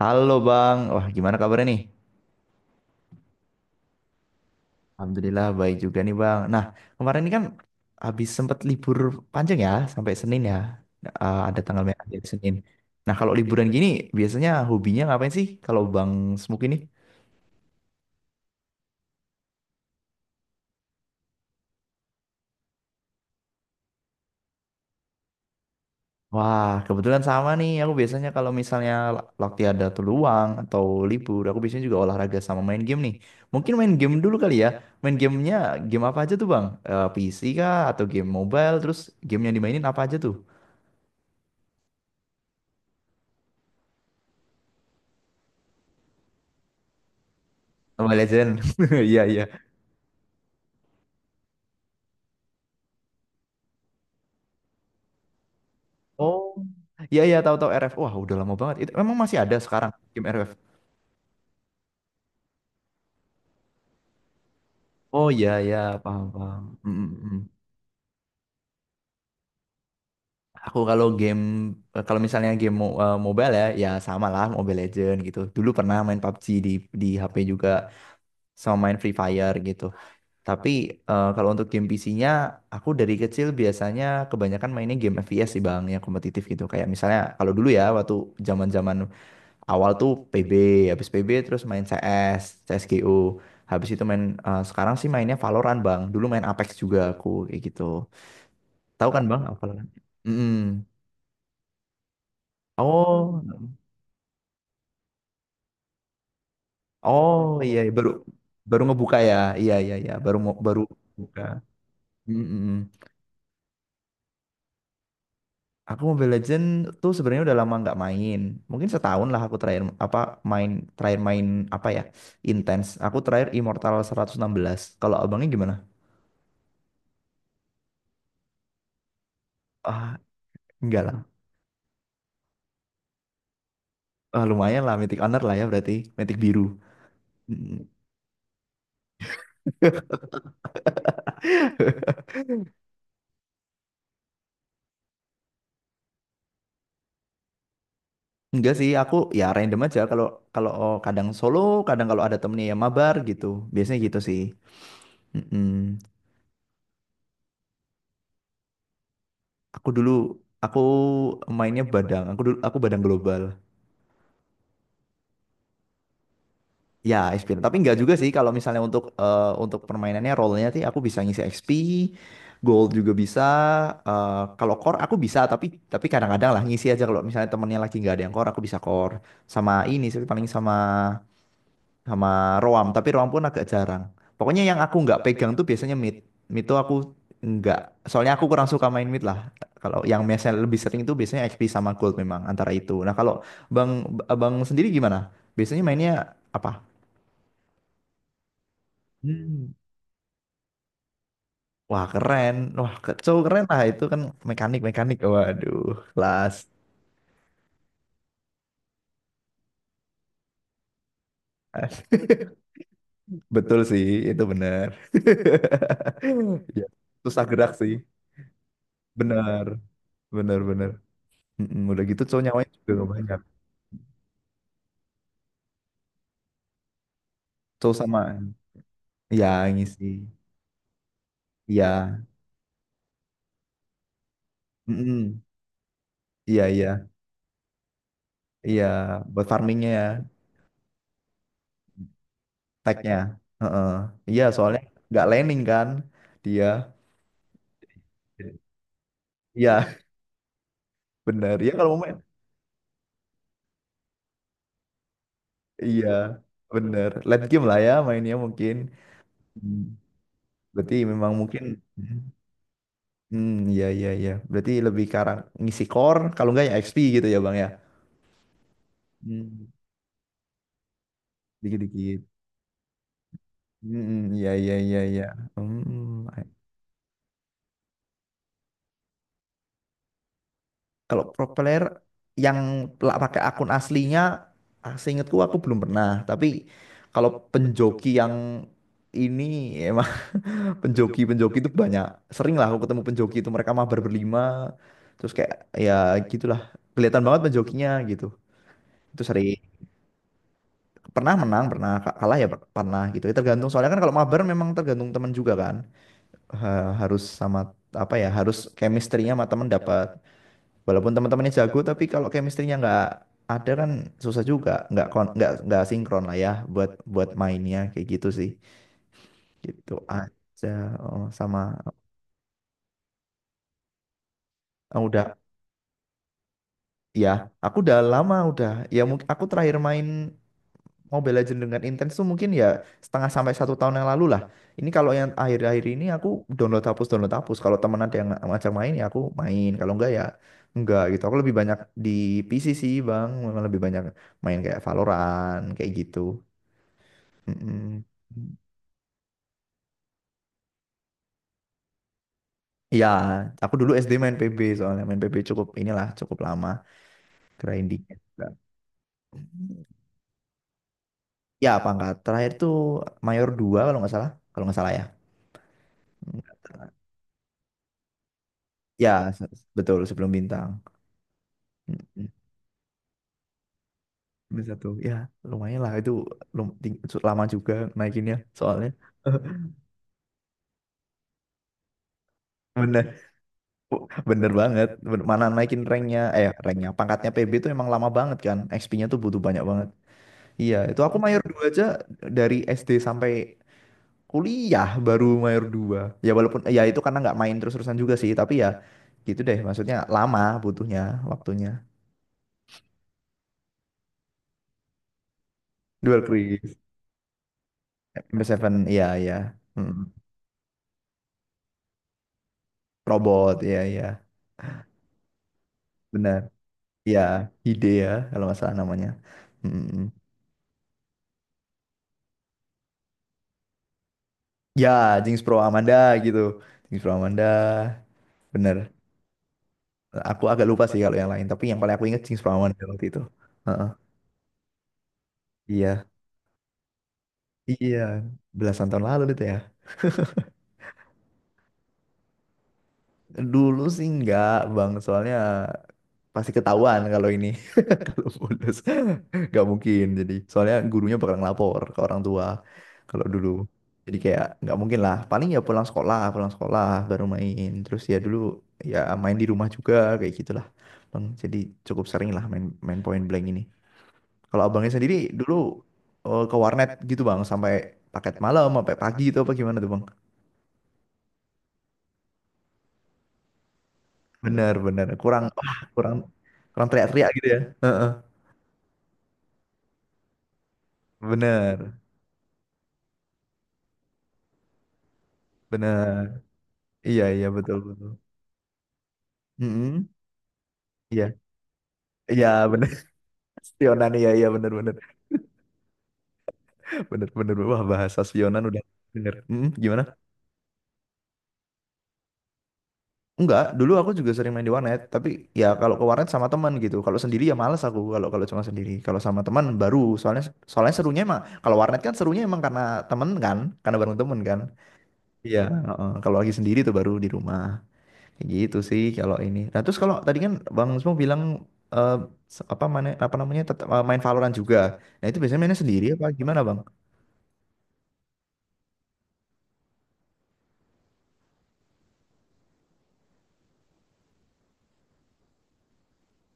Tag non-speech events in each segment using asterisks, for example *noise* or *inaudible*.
Halo Bang, wah gimana kabarnya nih? Alhamdulillah baik juga nih Bang. Nah kemarin ini kan habis sempat libur panjang ya sampai Senin ya. Ada tanggal merah di hari Senin. Nah kalau liburan gini biasanya hobinya ngapain sih kalau Bang Smuk ini? Wah kebetulan sama nih, aku biasanya kalau misalnya waktu ada tuh luang atau libur, aku biasanya juga olahraga sama main game nih. Mungkin main game dulu kali ya, main gamenya game apa aja tuh Bang? PC kah atau game mobile? Terus game yang dimainin apa aja tuh? Mobile Legend. *laughs* Iya, iya. Oh. Iya, iya, tahu-tahu RF. Wah, udah lama banget. Itu memang masih ada sekarang game RF. Oh iya, iya, paham, paham. Mm, mm, mm. Aku kalau game, kalau misalnya game mobile ya, ya sama lah Mobile Legend gitu. Dulu pernah main PUBG di HP juga, sama main Free Fire gitu. Tapi kalau untuk game PC-nya, aku dari kecil biasanya kebanyakan mainnya game FPS sih bang, yang kompetitif gitu. Kayak misalnya kalau dulu ya, waktu zaman-zaman awal tuh PB, habis PB terus main CS, CSGO. Habis itu sekarang sih mainnya Valorant, Bang. Dulu main Apex juga aku kayak gitu. Tahu kan, Bang, Valorant? Mm-mm. Oh. Oh, iya iya. baru baru ngebuka ya. Iya iya iya, baru mau buka. Mm-mm. Aku Mobile Legend tuh sebenarnya udah lama nggak main. Mungkin setahun lah aku main terakhir main apa ya? Intens. Aku terakhir Immortal 116. Kalau abangnya gimana? Ah, enggak. Ah, lumayan lah, Mythic Honor lah ya berarti, Mythic biru. Mm. *laughs* Enggak sih, aku ya random aja kalau kalau oh, kadang solo, kadang kalau ada temennya yang mabar gitu. Biasanya gitu sih. Mm-mm. Aku dulu aku mainnya badang. Aku dulu badang global. Ya, XP. Tapi nggak juga sih kalau misalnya untuk permainannya role-nya sih aku bisa ngisi XP, gold juga bisa. eh, kalau core aku bisa, tapi kadang-kadang lah ngisi aja kalau misalnya temennya lagi nggak ada yang core, aku bisa core, sama ini sih paling sama sama roam, tapi roam pun agak jarang. Pokoknya yang aku nggak pegang tuh biasanya mid. Mid tuh aku nggak, soalnya aku kurang suka main mid lah. Kalau yang biasanya lebih sering itu biasanya XP sama gold, memang antara itu. Nah, kalau Bang Bang sendiri gimana? Biasanya mainnya apa? Hmm. Wah keren, cowok keren lah itu kan, mekanik mekanik, waduh kelas. *laughs* Betul sih, itu benar. *laughs* Ya, susah gerak sih, benar, benar, benar. Mm-mm, udah gitu cowok nyawanya juga gak banyak. Cowok sama, ya ngisi, iya, mm-mm, iya, iya, iya, buat farmingnya ya, tagnya. Heeh. Iya, soalnya nggak landing kan dia. Iya, *laughs* benar. Ya kalau mau, iya, bener. Late game lah ya mainnya mungkin. Hmm. Berarti memang mungkin. Hmm, iya iya iya. Berarti lebih ke arah ngisi core, kalau enggak ya XP gitu ya Bang ya. Hmm, dikit-dikit. Hmm, iya iya iya iya. Hmm. Kalau pro player yang pakai akun aslinya, seingatku aku belum pernah. Tapi kalau penjoki yang ini ya, *laughs* penjoki penjoki itu banyak, sering lah aku ketemu penjoki itu, mereka mabar berlima terus kayak ya gitulah, kelihatan banget penjokinya gitu, itu sering. Pernah menang, pernah kalah ya, pernah gitu ya, tergantung, soalnya kan kalau mabar memang tergantung teman juga kan. Harus sama apa ya, harus chemistry-nya sama teman dapat, walaupun teman-temannya jago tapi kalau chemistry-nya nggak ada kan susah juga, nggak nggak sinkron lah ya, buat buat mainnya kayak gitu sih, gitu aja. Oh, sama. Oh, udah. Ya, aku udah lama udah. Ya mungkin aku terakhir main Mobile Legends dengan intens tuh mungkin ya setengah sampai satu tahun yang lalu lah. Ini kalau yang akhir-akhir ini aku download hapus download hapus. Kalau teman ada yang ngajak main ya aku main. Kalau enggak ya enggak gitu. Aku lebih banyak di PC sih bang. Memang lebih banyak main kayak Valorant kayak gitu. Mm-mm. Ya, aku dulu SD main PB, soalnya main PB cukup inilah cukup lama grinding. Ya, pangkat terakhir tuh Mayor 2 kalau nggak salah ya. Ya, se- betul sebelum bintang. Mm-mm. Bintang Satu. Ya, lumayan lah itu, lama juga naikinnya soalnya. *laughs* Bener, bener banget. Mana naikin ranknya, ranknya, pangkatnya PB itu emang lama banget kan. XP-nya tuh butuh banyak banget. Iya, itu aku mayor 2 aja dari SD sampai kuliah baru mayor dua. Ya walaupun, ya itu karena nggak main terus-terusan juga sih. Tapi ya gitu deh, maksudnya lama butuhnya, waktunya. Dual Chris, m 7, iya, iya. Robot, iya iya, benar. Iya, ide ya kalau masalah namanya. Mm. Ya, Jinx Pro Amanda gitu. Jinx Pro Amanda, bener. Aku agak lupa sih kalau yang lain, tapi yang paling aku ingat Jinx Pro Amanda waktu itu. Heeh, iya, iya, belasan tahun lalu itu ya. Dulu sih enggak, Bang, soalnya pasti ketahuan kalau ini. Kalau bolos *laughs* nggak mungkin. Jadi soalnya gurunya bakal ngelapor ke orang tua kalau dulu. Jadi kayak nggak mungkin lah. Paling ya pulang sekolah baru main. Terus ya dulu ya main di rumah juga kayak gitulah. Bang, jadi cukup sering lah main main point blank ini. Kalau abangnya sendiri dulu ke warnet gitu bang, sampai paket malam sampai pagi itu, apa gimana tuh bang? Bener bener kurang, wah, kurang kurang teriak-teriak gitu ya. Heeh. Bener bener, iya iya, betul betul. Mm-mm. Iya, iya bener. *laughs* Spionan, iya iya, bener bener bener bener. Wah, bahasa spionan udah bener. Mm, gimana, enggak. Dulu aku juga sering main di warnet, tapi ya kalau ke warnet sama teman gitu. Kalau sendiri ya males aku, kalau kalau cuma sendiri, kalau sama teman baru, soalnya soalnya serunya emang kalau warnet kan, serunya emang karena temen kan, karena bareng temen kan. Iya, heeh. Kalau lagi sendiri tuh baru di rumah. Kayak gitu sih kalau ini. Nah terus kalau tadi kan Bang Smo bilang eh, apa, mana, apa namanya, tetap main Valorant juga, nah itu biasanya mainnya sendiri apa gimana Bang?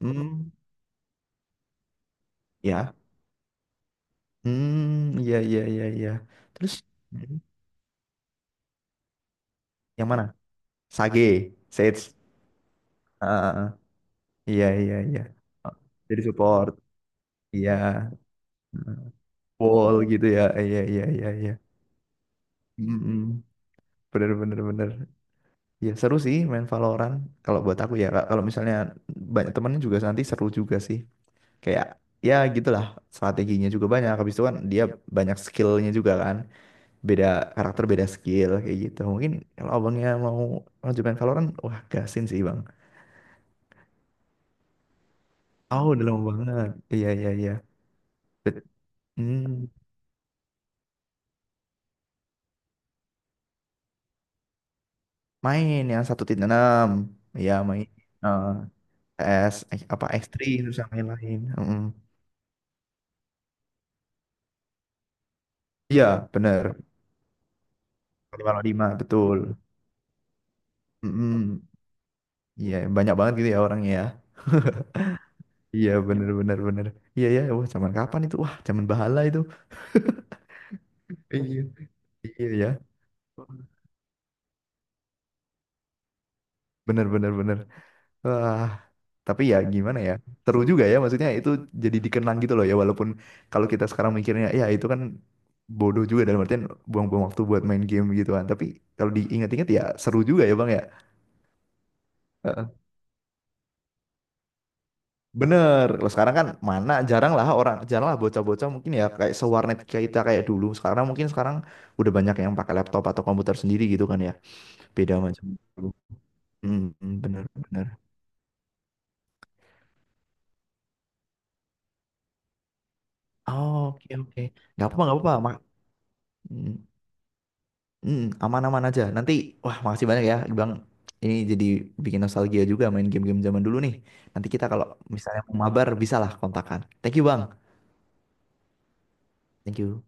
Hmm. Ya, hmm, iya iya iya iya. Terus hmm. Yang mana? Sage, Sage. Ah, ah, ah. Iya iya iya. Ah, jadi support. Iya. Wall gitu ya. Iya iya iya iya. Mm-mm. Bener bener bener. Ya seru sih main Valorant. Kalau buat aku ya Kak. Kalau misalnya banyak temennya juga nanti seru juga sih. Kayak ya gitulah, strateginya juga banyak. Habis itu kan dia banyak skillnya juga kan, beda karakter beda skill kayak gitu. Mungkin kalau abangnya mau lanjutkan Valorant, wah gasin sih bang. Oh udah lama banget, iya iya iya. Bet- hmm, main yang 1.6. Iya main eh S, apa, X3 itu sama yang lain. Mm-mm. Iya bener, lima nol lima, betul. Mm-mm. Iya banyak banget gitu ya orangnya ya. *laughs* Iya bener bener bener. Iya ya. Wah zaman kapan itu, wah zaman bahala itu. Iya. Iya ya. Bener bener bener. Wah. Tapi ya gimana ya, seru juga ya maksudnya itu, jadi dikenang gitu loh ya. Walaupun kalau kita sekarang mikirnya ya itu kan bodoh juga, dalam artian buang-buang waktu buat main game gitu kan. Tapi kalau diingat-ingat ya seru juga ya Bang ya. Heeh. Bener, kalau sekarang kan mana jarang lah orang, jarang lah bocah-bocah mungkin ya kayak sewarnet kayak kita kayak dulu. Sekarang mungkin sekarang udah banyak yang pakai laptop atau komputer sendiri gitu kan ya. Beda macam dulu. Hmm, bener, bener. Oh, oke, oke. Nggak apa-apa, nggak apa-apa. Mak. Mm, aman-aman aja. Nanti, wah makasih banyak ya, Bang. Ini jadi bikin nostalgia juga main game-game zaman dulu nih. Nanti kita kalau misalnya mau mabar, bisa lah kontakan. Thank you, Bang. Thank you.